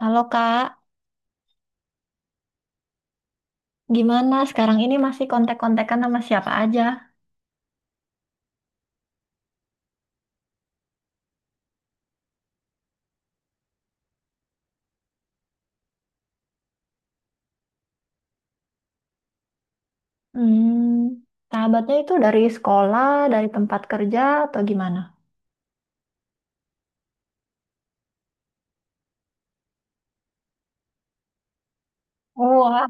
Halo Kak, gimana sekarang ini masih kontak-kontakan sama siapa aja? Hmm, sahabatnya itu dari sekolah, dari tempat kerja, atau gimana? Oh, wah.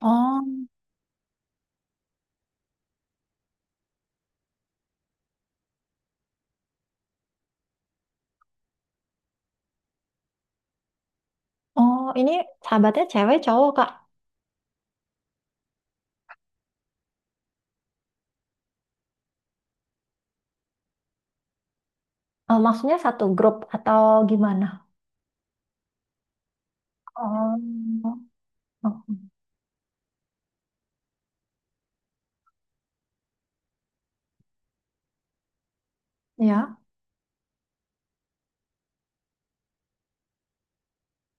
oh, oh, ini sahabatnya cewek cowok Kak? Maksudnya satu grup atau gimana? Oh, oh, ya,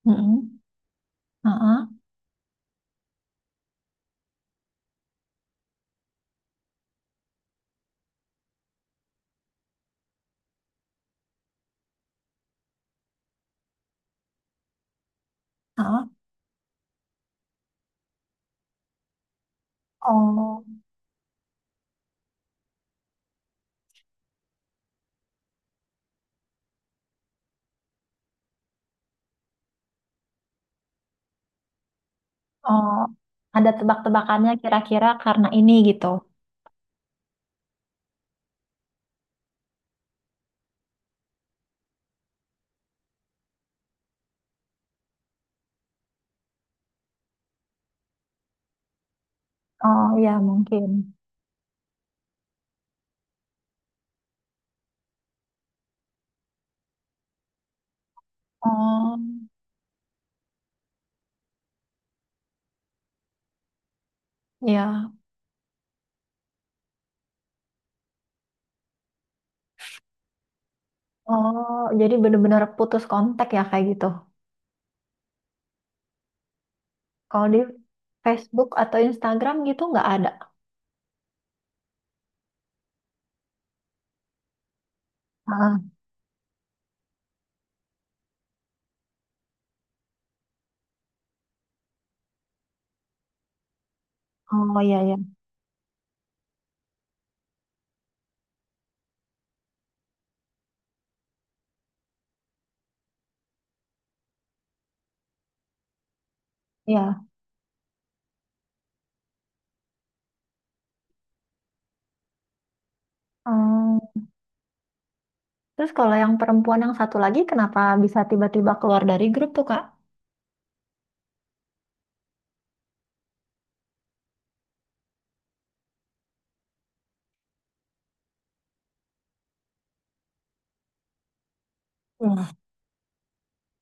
mm. Ah. Ah. Oh, oh, ada tebak-tebakannya kira-kira karena ini gitu. Oh, ya mungkin. Oh, ya. Oh, jadi bener-bener putus kontak ya kayak gitu. Kalau di Facebook atau Instagram gitu nggak ada. Ah, oh iya iya iya. Hmm. Terus kalau yang perempuan yang satu lagi kenapa bisa tiba-tiba keluar dari grup tuh Kak? Hmm.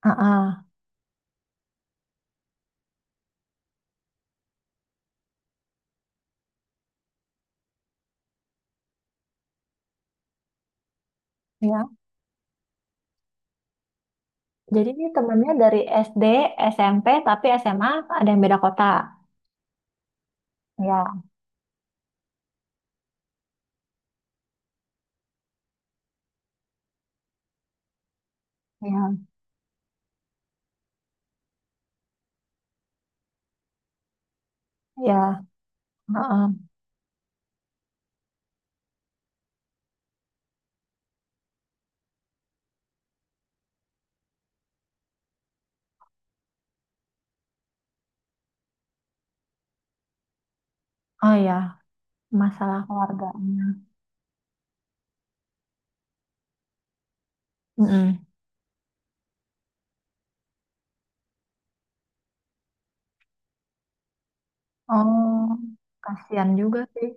Ah, ah, ya. Jadi ini temennya dari SD, SMP, tapi SMA ada yang beda kota. Ya, ya, ya. Ah, ah. Oh ya, masalah keluarganya. Mm-mm. Oh, kasihan juga sih.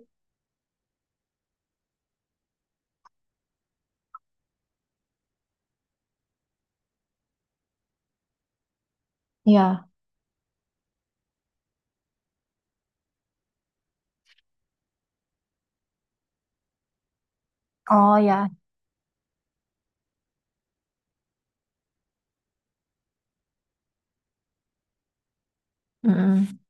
Ya. Oh ya. Mm-mm.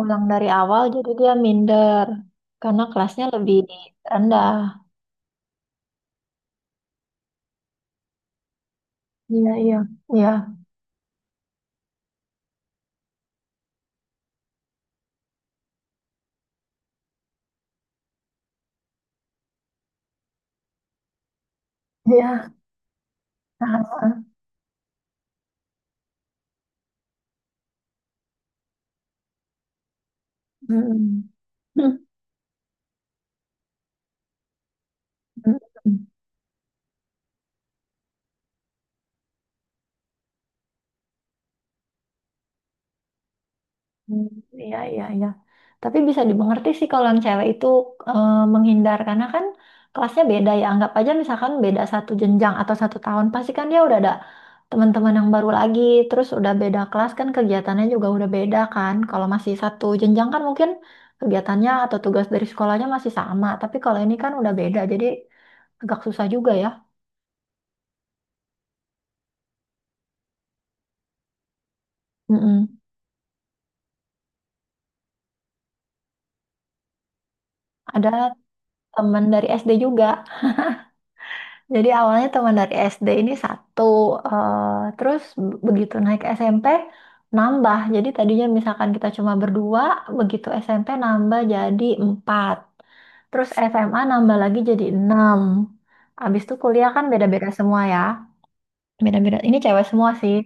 Ulang dari awal jadi dia minder karena kelasnya lebih rendah. Iya, iya, iya, iya. Ah, ah. Mm-mm. Hmm. Iya, iya, iya. Tapi bisa dimengerti sih kalau yang cewek itu menghindar karena kan kelasnya beda ya. Anggap aja misalkan beda satu jenjang atau satu tahun, pasti kan dia udah ada teman-teman yang baru lagi. Terus udah beda kelas kan kegiatannya juga udah beda kan. Kalau masih satu jenjang kan mungkin kegiatannya atau tugas dari sekolahnya masih sama. Tapi kalau ini kan udah beda, jadi agak susah juga ya. Mm-mm. Ada teman dari SD juga. Jadi awalnya teman dari SD ini satu, terus begitu naik SMP nambah. Jadi tadinya misalkan kita cuma berdua, begitu SMP nambah jadi empat. Terus SMA nambah lagi jadi enam. Abis itu kuliah kan beda-beda semua ya. Beda-beda. Ini cewek semua sih.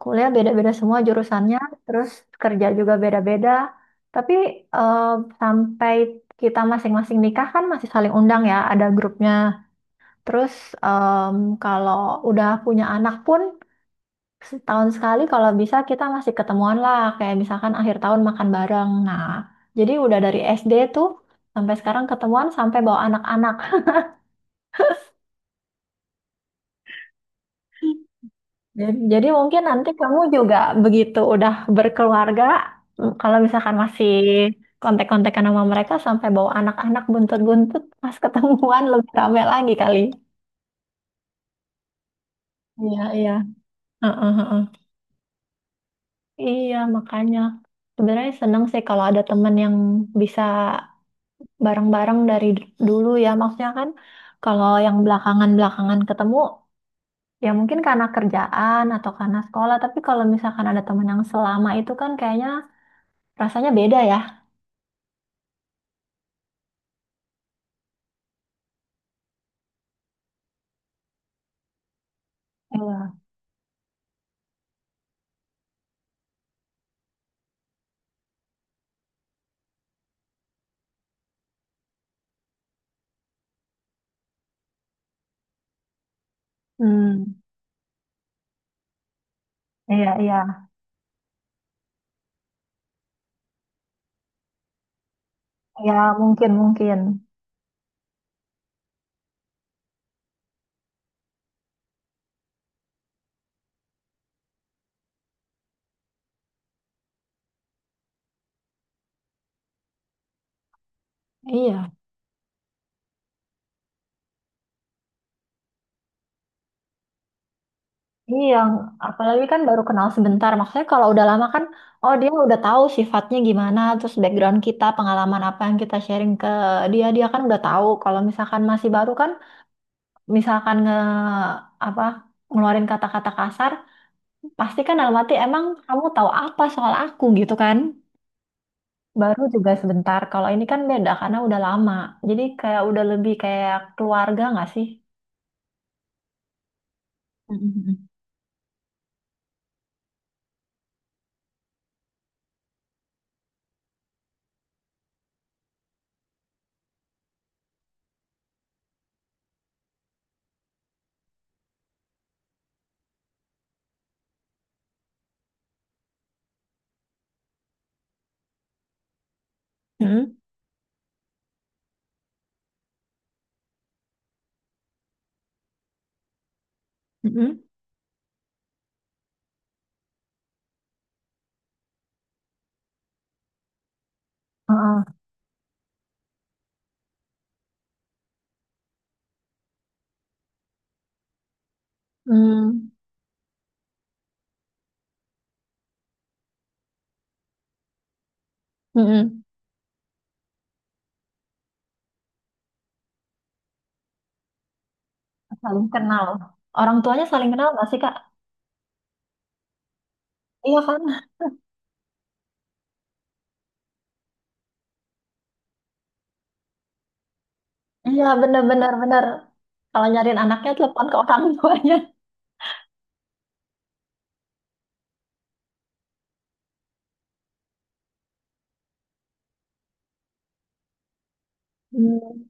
Kuliah beda-beda semua jurusannya, terus kerja juga beda-beda. Tapi eh, sampai kita masing-masing nikah kan masih saling undang ya, ada grupnya. Terus em, kalau udah punya anak pun setahun sekali kalau bisa kita masih ketemuan lah kayak misalkan akhir tahun makan bareng. Nah, jadi udah dari SD tuh sampai sekarang ketemuan sampai bawa anak-anak. Jadi mungkin nanti kamu juga begitu udah berkeluarga, mm, kalau misalkan masih kontak-kontakan sama mereka sampai bawa anak-anak buntut-buntut pas ketemuan lebih rame lagi kali. Iya, iya. Heeh, heeh. Iya, makanya sebenarnya seneng sih kalau ada temen yang bisa bareng-bareng dari dulu ya. Maksudnya kan kalau yang belakangan-belakangan ketemu ya mungkin karena kerjaan atau karena sekolah. Tapi kalau misalkan ada temen yang selama itu kan kayaknya rasanya beda ya. Iya. Hmm. Iya, iya. Iya mungkin, mungkin. Iya. Iya, apalagi kan baru kenal sebentar. Maksudnya kalau udah lama kan, oh dia udah tahu sifatnya gimana, terus background kita, pengalaman apa yang kita sharing ke dia, dia kan udah tahu. Kalau misalkan masih baru kan, misalkan apa ngeluarin kata-kata kasar, pasti kan dalam hati emang kamu tahu apa soal aku gitu kan? Baru juga sebentar. Kalau ini kan beda karena udah lama. Jadi kayak udah lebih kayak keluarga nggak sih? Mm, mm, mm. Mm-mm. Mm, mm. Heeh. Hmm. Mm-mm. Saling kenal. Orang tuanya saling kenal nggak sih, Kak? Iya kan? Iya, bener-bener. Bener. Bener, bener. Kalau nyariin anaknya, telepon ke orang tuanya. Hmm.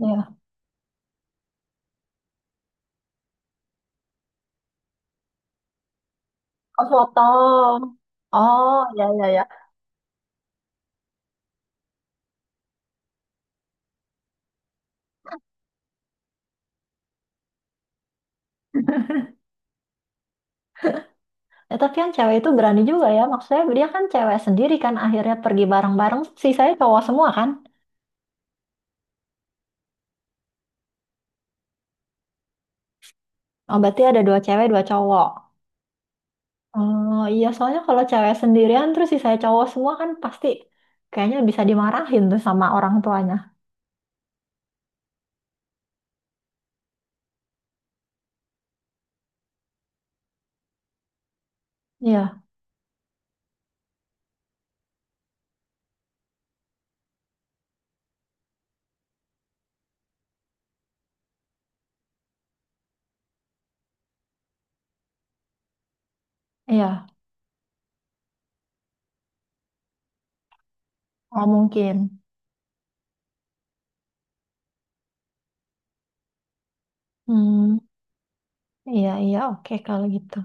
Iya. Oh, foto. Oh, ya, ya, ya. Ya, tapi yang cewek itu berani juga ya. Maksudnya dia kan cewek sendiri kan. Akhirnya pergi bareng-bareng. Sisanya cowok semua kan? Oh, berarti ada dua cewek, dua cowok. Oh, iya. Soalnya kalau cewek sendirian, terus sisanya cowok semua kan pasti kayaknya bisa dimarahin tuh sama orang tuanya. Iya, iya. Oh, mungkin. Hmm. Iya, iya, oke kalau gitu.